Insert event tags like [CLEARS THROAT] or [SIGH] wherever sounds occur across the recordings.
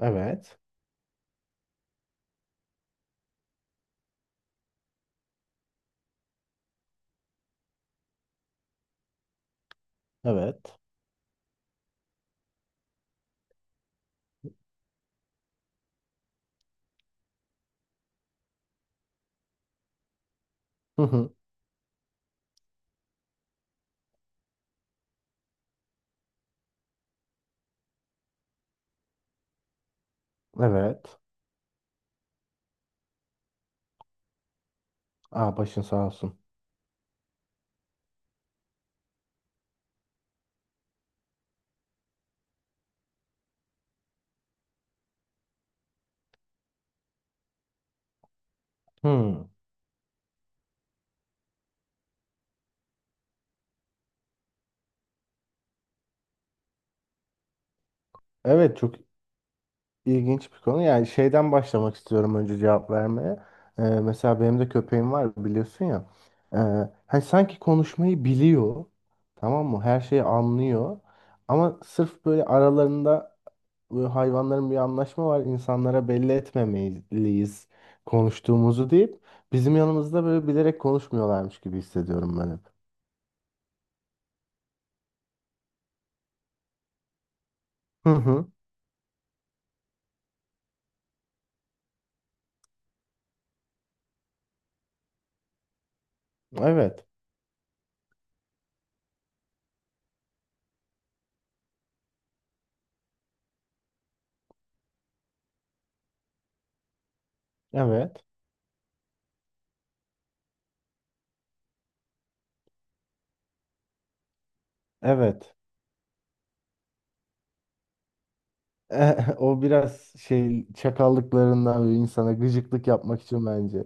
Evet. Evet. Hı hı. Evet. Aa başın sağ olsun. Hı. Evet, çok ilginç bir konu. Yani şeyden başlamak istiyorum önce cevap vermeye. Mesela benim de köpeğim var biliyorsun ya. Ee, hani sanki konuşmayı biliyor. Tamam mı? Her şeyi anlıyor. Ama sırf böyle aralarında böyle hayvanların bir anlaşma var. İnsanlara belli etmemeliyiz konuştuğumuzu deyip bizim yanımızda böyle bilerek konuşmuyorlarmış gibi hissediyorum ben hep. Hı hı. Evet. Evet. Evet. [LAUGHS] O biraz şey çakallıklarından ve insana gıcıklık yapmak için bence.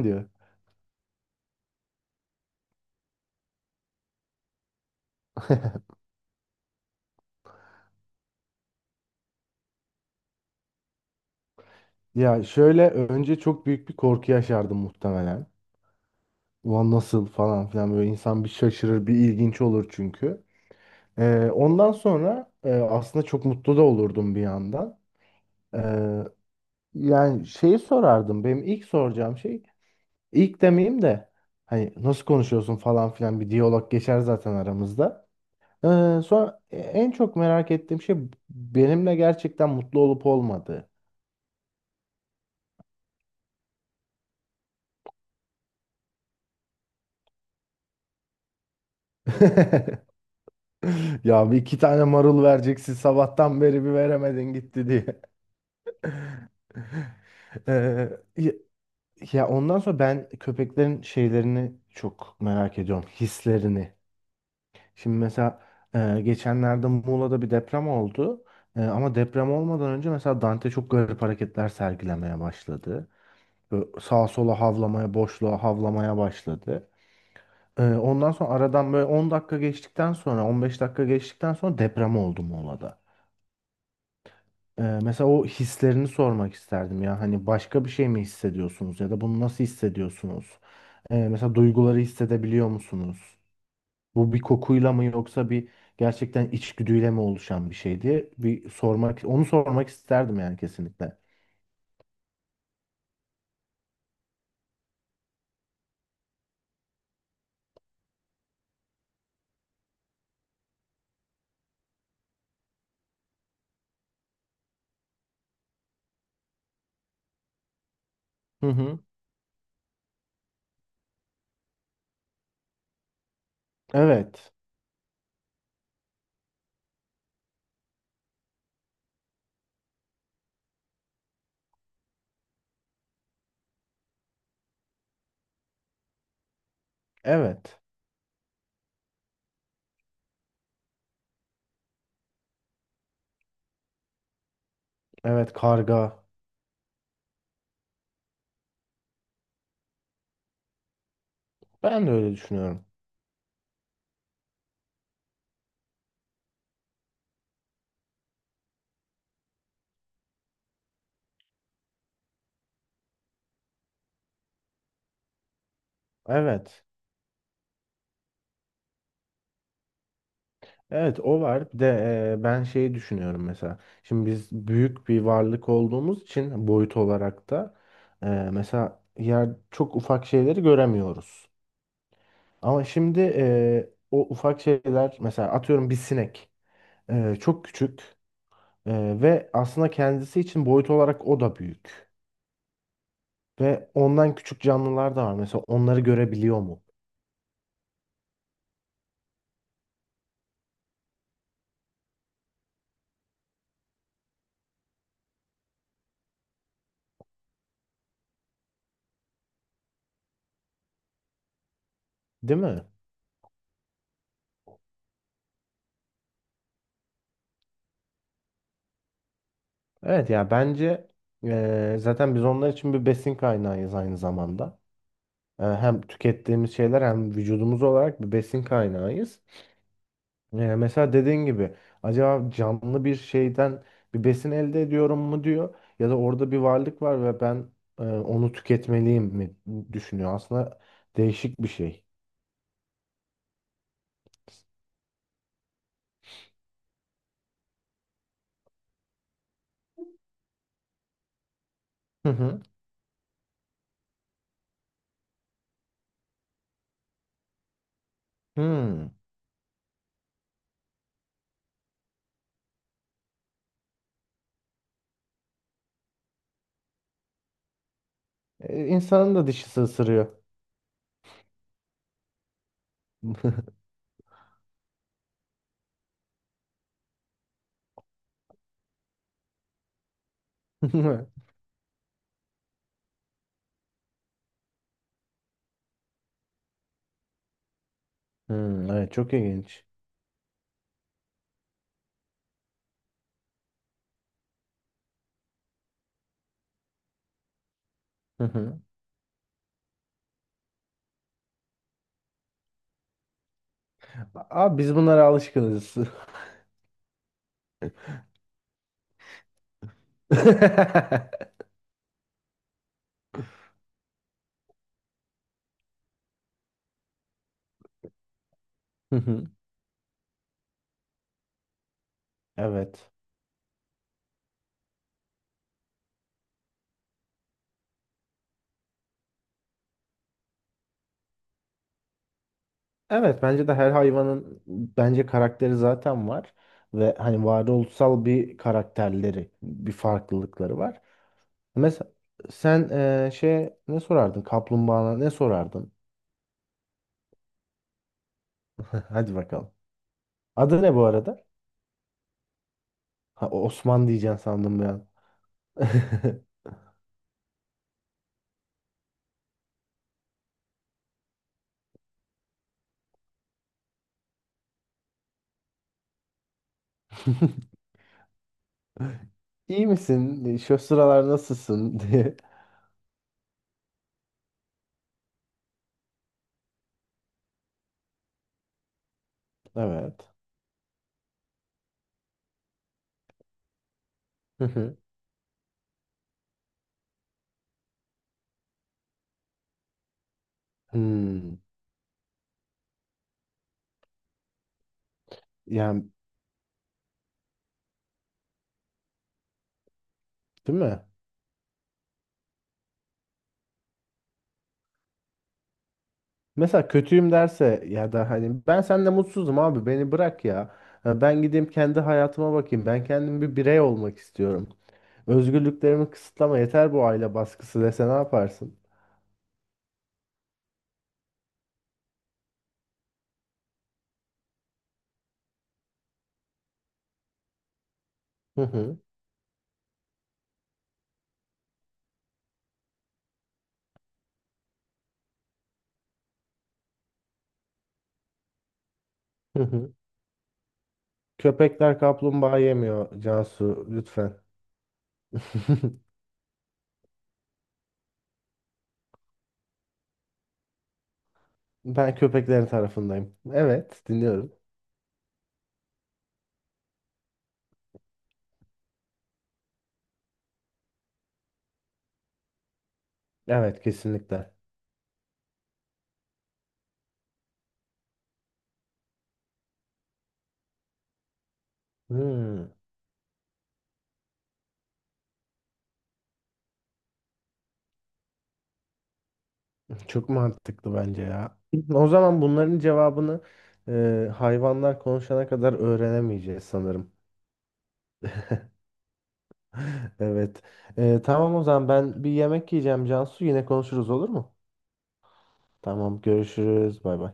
Günaydın diyor. Ya şöyle önce çok büyük bir korku yaşardım muhtemelen. Ulan nasıl falan filan, böyle insan bir şaşırır, bir ilginç olur çünkü. Ondan sonra aslında çok mutlu da olurdum bir yandan. Ee, Yani şeyi sorardım. Benim ilk soracağım şey, ilk demeyeyim de, hani nasıl konuşuyorsun falan filan, bir diyalog geçer zaten aramızda. Sonra en çok merak ettiğim şey benimle gerçekten mutlu olup olmadığı. [LAUGHS] Ya bir iki tane marul vereceksin sabahtan beri, bir veremedin gitti diye. [LAUGHS] Ee, ya ya ondan sonra ben köpeklerin şeylerini çok merak ediyorum. Hislerini. Şimdi mesela geçenlerde Muğla'da bir deprem oldu. Ama deprem olmadan önce mesela Dante çok garip hareketler sergilemeye başladı. Böyle sağa sola havlamaya, boşluğa havlamaya başladı. Ondan sonra aradan böyle 10 dakika geçtikten sonra, 15 dakika geçtikten sonra deprem oldu Muğla'da. Mesela o hislerini sormak isterdim ya. Hani başka bir şey mi hissediyorsunuz, ya da bunu nasıl hissediyorsunuz? Mesela duyguları hissedebiliyor musunuz? Bu bir kokuyla mı, yoksa bir gerçekten içgüdüyle mi oluşan bir şey diye bir sormak, onu sormak isterdim yani kesinlikle. Hı hı. Evet. Evet. Evet, karga. Ben de öyle düşünüyorum. Evet. Evet, o var. Bir de ben şeyi düşünüyorum mesela. Şimdi biz büyük bir varlık olduğumuz için boyut olarak da mesela yer çok ufak şeyleri göremiyoruz. Ama şimdi o ufak şeyler mesela atıyorum bir sinek. Çok küçük. Ve aslında kendisi için boyut olarak o da büyük. Ve ondan küçük canlılar da var. Mesela onları görebiliyor mu? Değil mi? Evet, ya bence zaten biz onlar için bir besin kaynağıyız aynı zamanda. Hem tükettiğimiz şeyler hem vücudumuz olarak bir besin kaynağıyız. Mesela dediğin gibi acaba canlı bir şeyden bir besin elde ediyorum mu diyor, ya da orada bir varlık var ve ben onu tüketmeliyim mi düşünüyor. Aslında değişik bir şey. Hı hı. Hmm. İnsanın da dişisi ısırıyor. [LAUGHS] Hmm, evet, çok ilginç. Hı hı. Abi biz bunlara alışkınız. [LAUGHS] Hı hı. Evet. Evet, bence de her hayvanın, bence karakteri zaten var ve hani varoluşsal bir karakterleri, bir farklılıkları var. Mesela sen şey, ne sorardın? Kaplumbağana ne sorardın? [LAUGHS] Hadi bakalım. Adı ne bu arada? Ha, Osman diyeceksin sandım ben. [LAUGHS] İyi misin? Şu sıralar nasılsın [LAUGHS] diye. Evet. Hı hı. Hmm. Yani değil mi? Mesela kötüyüm derse, ya da hani ben seninle mutsuzum abi, beni bırak ya. Ya ben gideyim kendi hayatıma bakayım. Ben kendim bir birey olmak istiyorum. Özgürlüklerimi kısıtlama, yeter bu aile baskısı dese ne yaparsın? Hı hı. Hı hı. Köpekler kaplumbağa yemiyor Cansu, lütfen. [LAUGHS] Ben köpeklerin tarafındayım. Evet, dinliyorum. Evet, kesinlikle. Hmm. Çok mantıklı bence ya. [CLEARS THROAT] O zaman bunların cevabını hayvanlar konuşana kadar öğrenemeyeceğiz sanırım. [LAUGHS] Evet. Tamam, o zaman ben bir yemek yiyeceğim Cansu. Yine konuşuruz, olur mu? Tamam, görüşürüz. Bay bay.